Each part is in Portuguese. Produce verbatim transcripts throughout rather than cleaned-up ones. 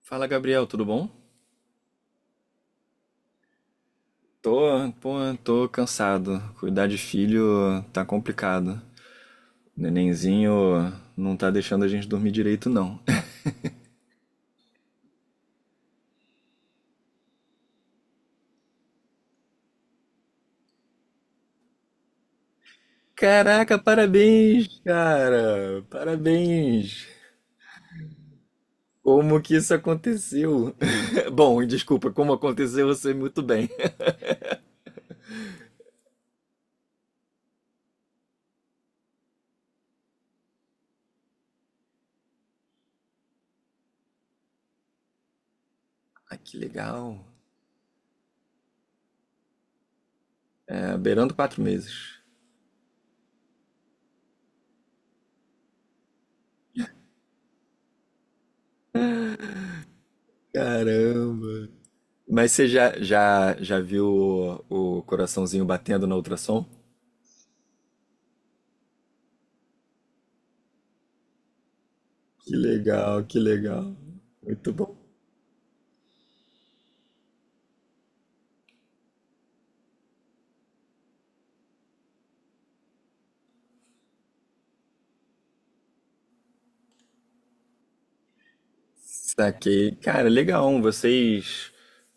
Fala, Gabriel, tudo bom? Tô, pô, tô cansado. Cuidar de filho tá complicado. Nenenzinho não tá deixando a gente dormir direito, não. Caraca, parabéns, cara! Parabéns! Como que isso aconteceu? Bom, desculpa, como aconteceu, eu sei muito bem. Ah, que legal. É, beirando quatro meses. Caramba. Mas você já, já, já viu o, o coraçãozinho batendo na ultrassom? Que legal, que legal. Muito bom. Saquei. Cara, legal. Vocês,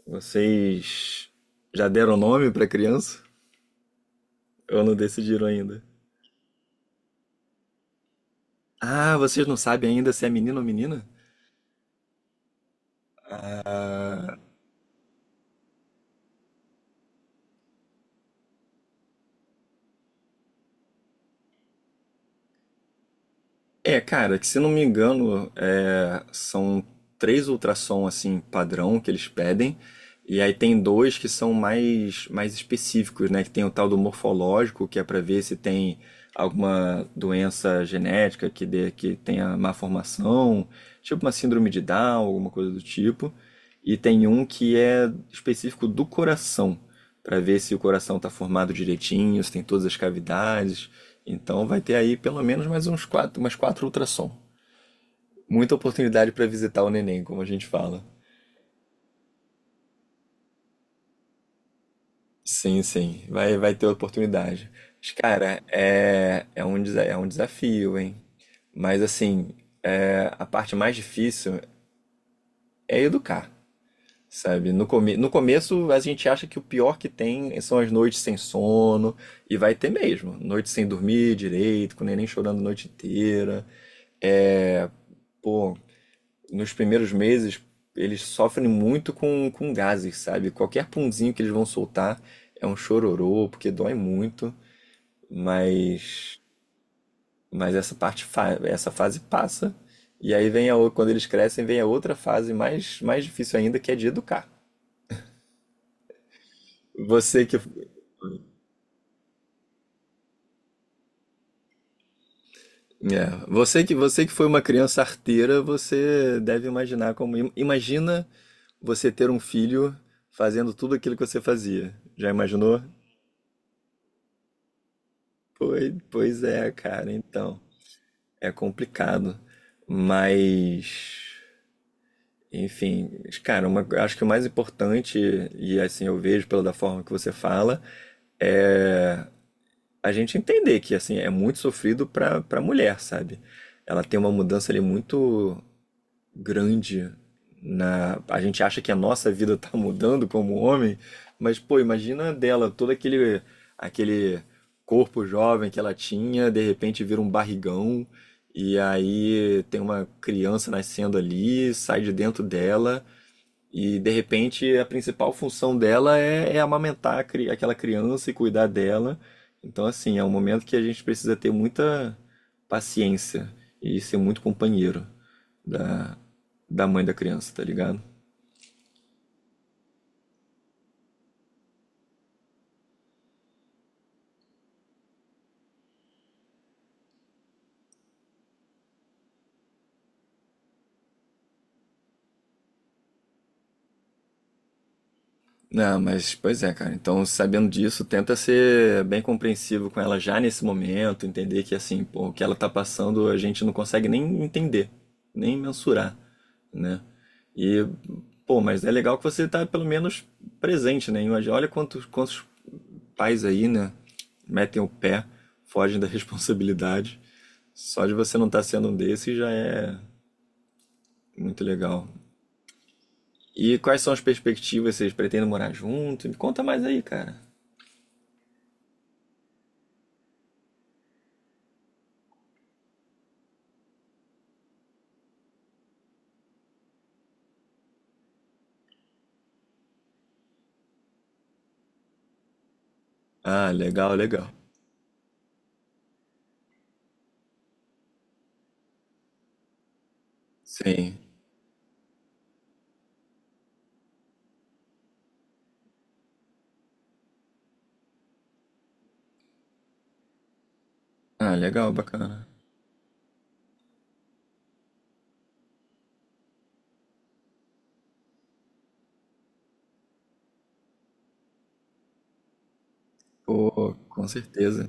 vocês já deram nome pra criança? Ou não decidiram ainda? Ah, vocês não sabem ainda se é menino ou menina? É, cara, que se não me engano, é, são três ultrassom assim padrão que eles pedem, e aí tem dois que são mais mais específicos, né? Que tem o tal do morfológico, que é para ver se tem alguma doença genética que dê que tenha má formação, tipo uma síndrome de Down, alguma coisa do tipo. E tem um que é específico do coração, para ver se o coração está formado direitinho, se tem todas as cavidades. Então vai ter aí pelo menos mais uns quatro, umas quatro ultrassom. Muita oportunidade para visitar o neném, como a gente fala. Sim, sim, vai, vai ter oportunidade. Mas, cara, é, é um, desa- é um desafio, hein? Mas assim, é, a parte mais difícil é educar, sabe? No, come, no começo a gente acha que o pior que tem são as noites sem sono, e vai ter mesmo. Noites sem dormir direito, com o neném chorando a noite inteira. É, pô, nos primeiros meses, eles sofrem muito com, com gases, sabe? Qualquer punzinho que eles vão soltar é um chororô, porque dói muito, mas, mas essa parte, fa- essa fase passa. E aí vem a, ou- quando eles crescem, vem a outra fase mais, mais difícil ainda, que é de educar. Você que, é, você que, Você que foi uma criança arteira, você deve imaginar como, im- imagina você ter um filho fazendo tudo aquilo que você fazia. Já imaginou? Pois, pois é, cara, então. É complicado. Mas, enfim, cara, uma, acho que o mais importante, e assim eu vejo pela da forma que você fala, é a gente entender que assim é muito sofrido para para mulher, sabe? Ela tem uma mudança ali muito grande na. A gente acha que a nossa vida está mudando como homem, mas, pô, imagina a dela, todo aquele, aquele corpo jovem que ela tinha, de repente vira um barrigão, e aí tem uma criança nascendo ali, sai de dentro dela, e de repente a principal função dela é, é amamentar a cri- aquela criança e cuidar dela. Então, assim, é um momento que a gente precisa ter muita paciência e ser muito companheiro da, da mãe da criança, tá ligado? Não, mas pois é, cara. Então, sabendo disso, tenta ser bem compreensivo com ela já nesse momento, entender que assim, pô, o que ela tá passando a gente não consegue nem entender, nem mensurar, né? E, pô, mas é legal que você tá pelo menos presente, né? Imagina, olha quantos, quantos pais aí, né, metem o pé, fogem da responsabilidade. Só de você não estar tá sendo um desses já é muito legal. E quais são as perspectivas? Vocês pretendem morar junto? Me conta mais aí, cara. Ah, legal, legal. Sim. Ah, legal, bacana. Pô, com certeza.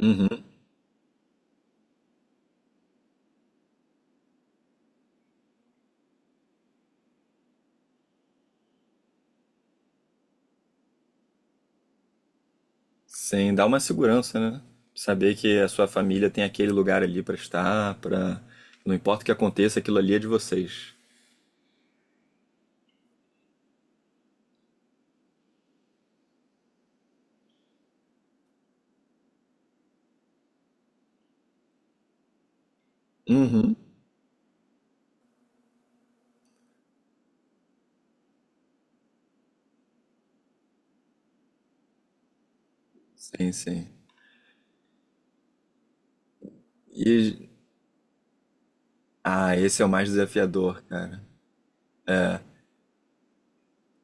Uhum. Sim, dá uma segurança, né? Saber que a sua família tem aquele lugar ali pra estar, pra. Não importa o que aconteça, aquilo ali é de vocês. Uhum. Sim, sim. E. Ah, esse é o mais desafiador, cara.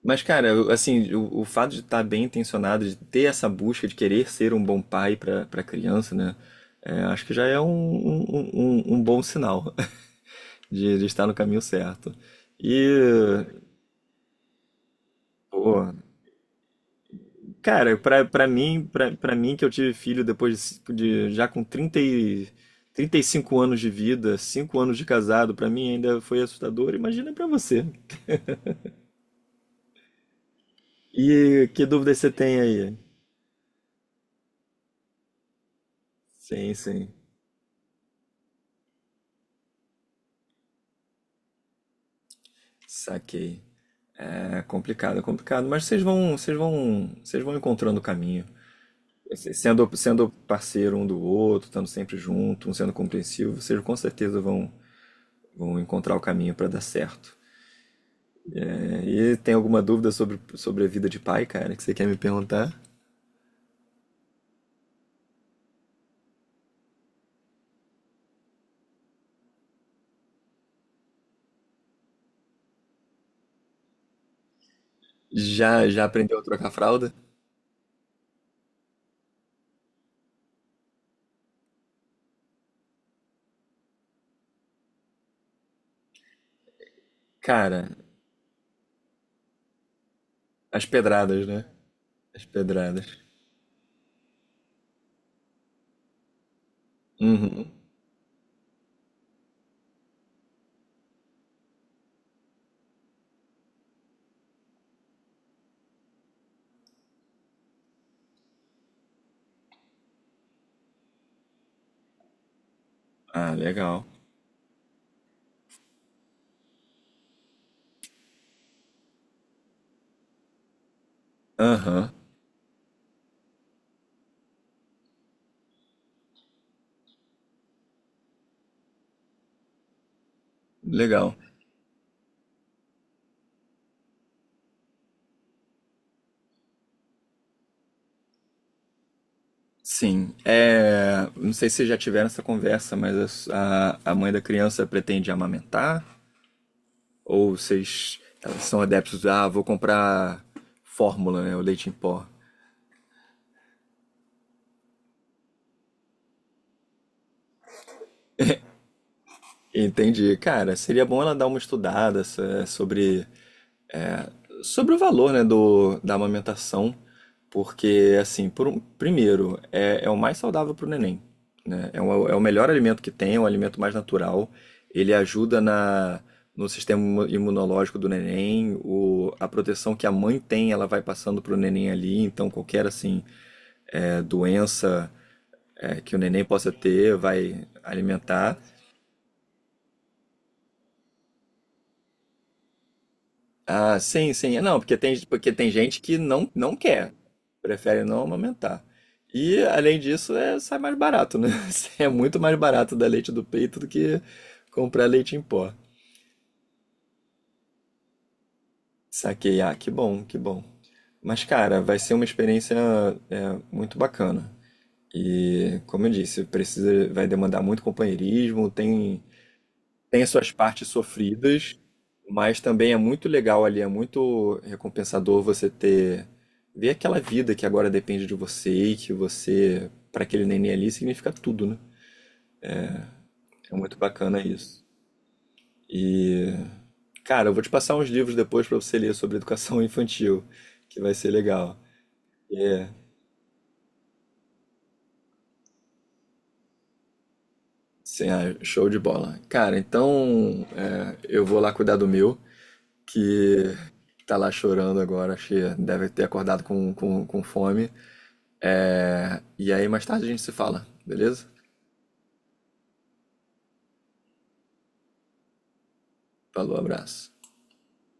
Mas, cara, assim, o, o fato de estar bem intencionado, de ter essa busca, de querer ser um bom pai para para criança, né? é, acho que já é um, um, um- um um bom sinal de, de estar no caminho certo. E, pô, cara, pra, pra mim, pra, pra mim que eu tive filho depois de, de- já com trinta e, trinta e cinco anos de vida, cinco anos de casado, pra mim ainda foi assustador, imagina pra você. E que dúvidas você tem aí? Sim, sim, saquei. É complicado, é complicado, mas vocês vão, vocês vão, vocês vão encontrando o caminho. Se- Sendo, sendo parceiro um do outro, estando sempre junto, um sendo compreensivo, vocês com certeza vão, vão encontrar o caminho para dar certo. É, e tem alguma dúvida sobre, sobre a vida de pai, cara, que você quer me perguntar? Já, já aprendeu a trocar fralda? Cara, as pedradas, né? As pedradas. Uhum. Ah, legal. Aham, legal. Sim, é, não sei se vocês já tiveram essa conversa, mas a, a mãe da criança pretende amamentar? Ou vocês elas são adeptos, ah, vou comprar fórmula, né, o leite em pó. Entendi. Cara, seria bom ela dar uma estudada so- sobre É, sobre o valor, né, do, da amamentação, porque, assim, por um- primeiro, é, é o mais saudável para o neném, né? É, o é o melhor alimento que tem, é um alimento mais natural, ele ajuda na, no sistema imu- imunológico do neném, o, a proteção que a mãe tem, ela vai passando para o neném ali, então qualquer, assim, é, doença é, que o neném possa ter vai alimentar. Ah, sim, sim. Não, porque tem, porque tem gente que não, não quer, prefere não amamentar. E, além disso, é, sai mais barato, né? É muito mais barato dar leite do peito do que comprar leite em pó. Saquei. Ah, que bom, que bom. Mas, cara, vai ser uma experiência é, muito bacana. E, como eu disse, precisa, vai demandar muito companheirismo, tem tem as suas partes sofridas, mas também é muito legal ali, é muito recompensador você ter ver aquela vida que agora depende de você e que você para aquele neném ali significa tudo, né? É muito bacana isso. E cara, eu vou te passar uns livros depois para você ler sobre educação infantil, que vai ser legal. É, sim, ah, show de bola. Cara, então é, eu vou lá cuidar do meu, que tá lá chorando agora, acho que deve ter acordado com, com, com fome. É, E aí mais tarde a gente se fala, beleza? Falou, abraço.